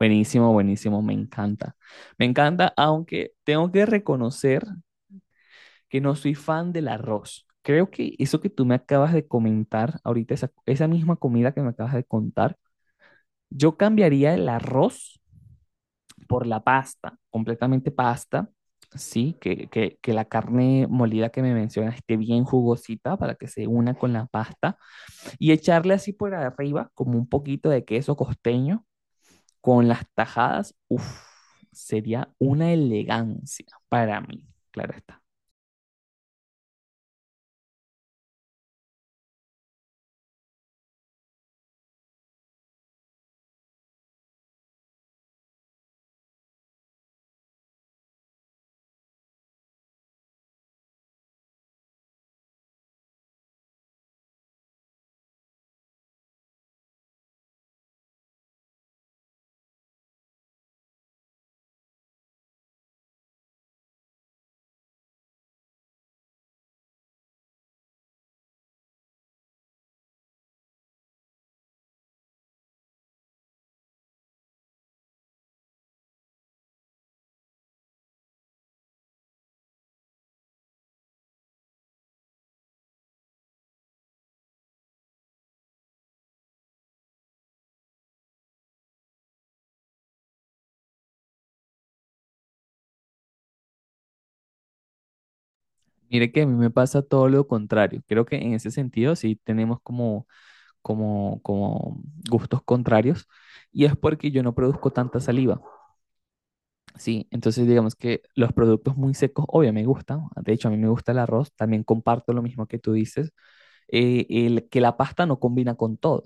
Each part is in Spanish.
Buenísimo, buenísimo, me encanta. Me encanta, aunque tengo que reconocer que no soy fan del arroz. Creo que eso que tú me acabas de comentar ahorita, esa misma comida que me acabas de contar, yo cambiaría el arroz por la pasta, completamente pasta, ¿sí? Que la carne molida que me mencionas esté bien jugosita para que se una con la pasta y echarle así por arriba como un poquito de queso costeño. Con las tajadas, uff, sería una elegancia para mí, claro está. Mire que a mí me pasa todo lo contrario. Creo que en ese sentido sí tenemos como gustos contrarios y es porque yo no produzco tanta saliva. Sí, entonces digamos que los productos muy secos, obvio, me gustan. De hecho, a mí me gusta el arroz. También comparto lo mismo que tú dices, el, que la pasta no combina con todo.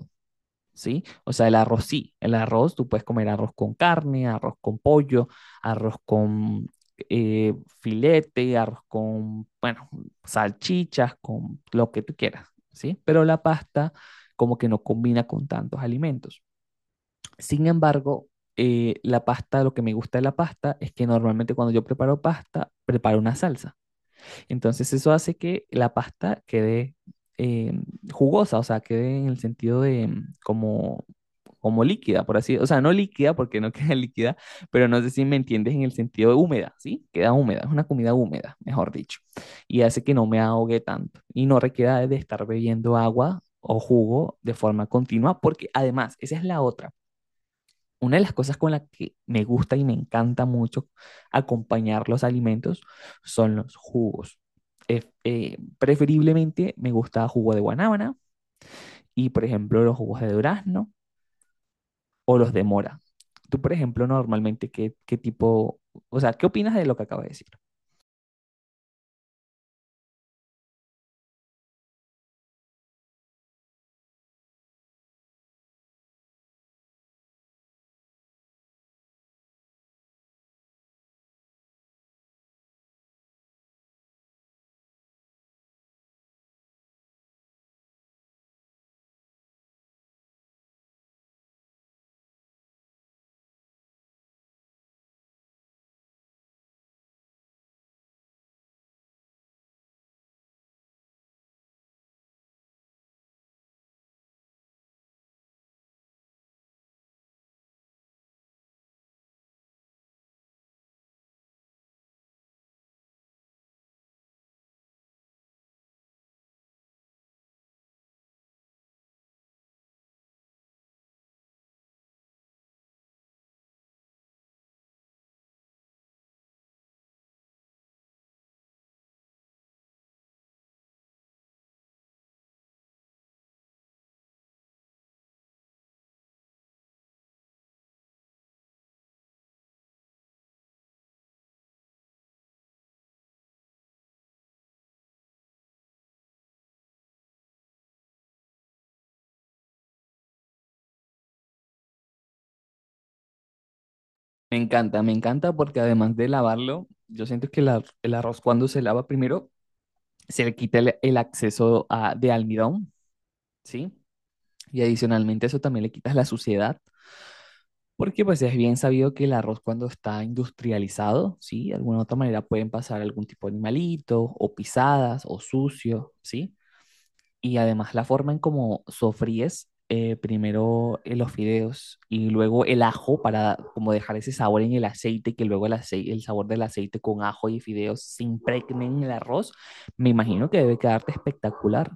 ¿Sí? O sea, el arroz sí, el arroz, tú puedes comer arroz con carne, arroz con pollo, arroz con eh, filete, arroz con, bueno, salchichas, con lo que tú quieras, ¿sí? Pero la pasta como que no combina con tantos alimentos. Sin embargo, la pasta, lo que me gusta de la pasta es que normalmente cuando yo preparo pasta, preparo una salsa. Entonces eso hace que la pasta quede eh, jugosa, o sea, quede en el sentido de como, como líquida, por así, o sea, no líquida porque no queda líquida, pero no sé si me entiendes en el sentido de húmeda, ¿sí? Queda húmeda, es una comida húmeda, mejor dicho, y hace que no me ahogue tanto y no requiera de estar bebiendo agua o jugo de forma continua, porque además, esa es la otra. Una de las cosas con las que me gusta y me encanta mucho acompañar los alimentos son los jugos. Preferiblemente me gusta jugo de guanábana y, por ejemplo, los jugos de durazno o los de mora. Tú, por ejemplo, normalmente, ¿qué, qué tipo, o sea, qué opinas de lo que acabo de decir? Me encanta porque además de lavarlo, yo siento que el arroz cuando se lava primero se le quita el acceso de almidón, ¿sí? Y adicionalmente eso también le quitas la suciedad. Porque pues es bien sabido que el arroz cuando está industrializado, ¿sí? De alguna u otra manera pueden pasar algún tipo de animalito o pisadas o sucio, ¿sí? Y además la forma en cómo sofríes primero los fideos y luego el ajo para como dejar ese sabor en el aceite, que luego el sabor del aceite con ajo y fideos se impregne en el arroz, me imagino que debe quedarte espectacular.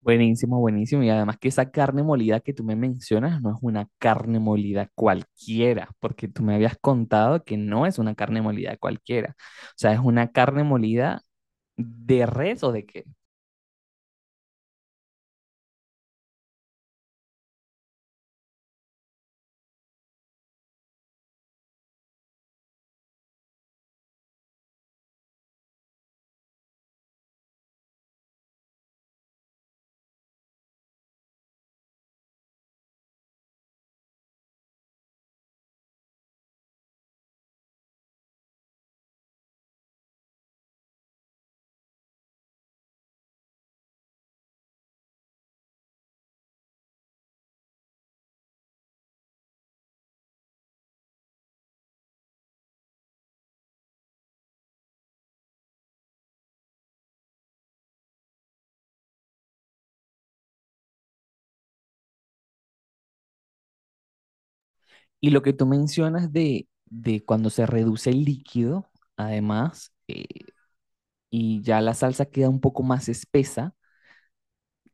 Buenísimo, buenísimo. Y además que esa carne molida que tú me mencionas no es una carne molida cualquiera, porque tú me habías contado que no es una carne molida cualquiera. O sea, es una carne molida de res o de qué. Y lo que tú mencionas de cuando se reduce el líquido, además, y ya la salsa queda un poco más espesa,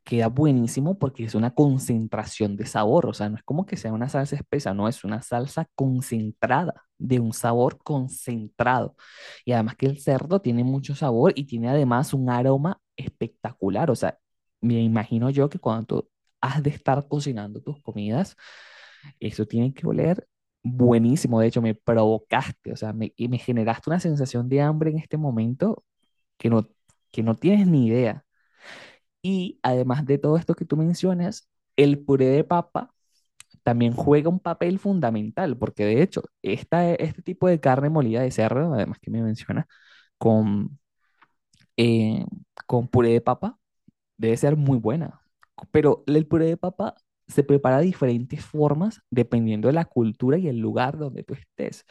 queda buenísimo porque es una concentración de sabor, o sea, no es como que sea una salsa espesa, no, es una salsa concentrada, de un sabor concentrado. Y además que el cerdo tiene mucho sabor y tiene además un aroma espectacular, o sea, me imagino yo que cuando tú has de estar cocinando tus comidas, eso tiene que oler buenísimo, de hecho me provocaste, o sea, me, y me generaste una sensación de hambre en este momento que no, que no tienes ni idea. Y además de todo esto que tú mencionas, el puré de papa también juega un papel fundamental, porque de hecho, esta, este tipo de carne molida de cerdo, además que me menciona, con, eh, con puré de papa, debe ser muy buena. Pero el puré de papa se prepara de diferentes formas dependiendo de la cultura y el lugar donde tú estés.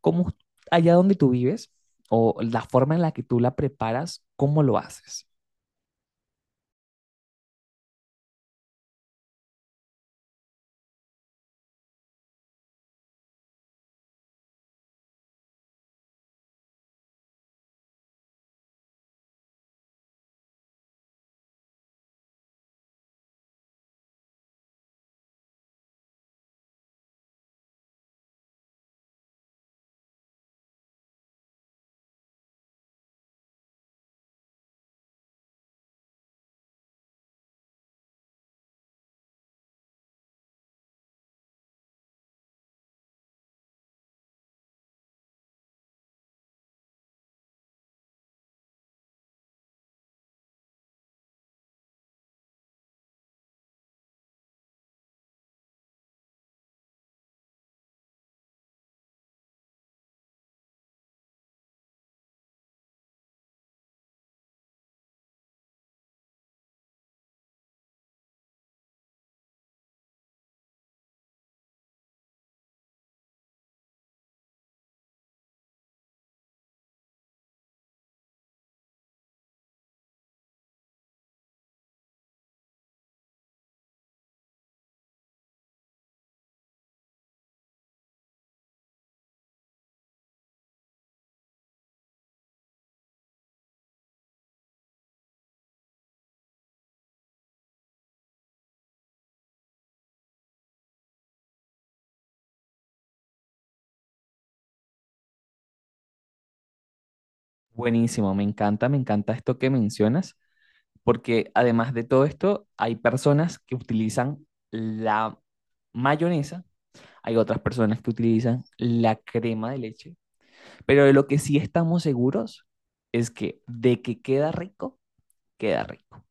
Como allá donde tú vives o la forma en la que tú la preparas, ¿cómo lo haces? Buenísimo, me encanta esto que mencionas. Porque además de todo esto, hay personas que utilizan la mayonesa, hay otras personas que utilizan la crema de leche, pero de lo que sí estamos seguros es que de que queda rico, queda rico.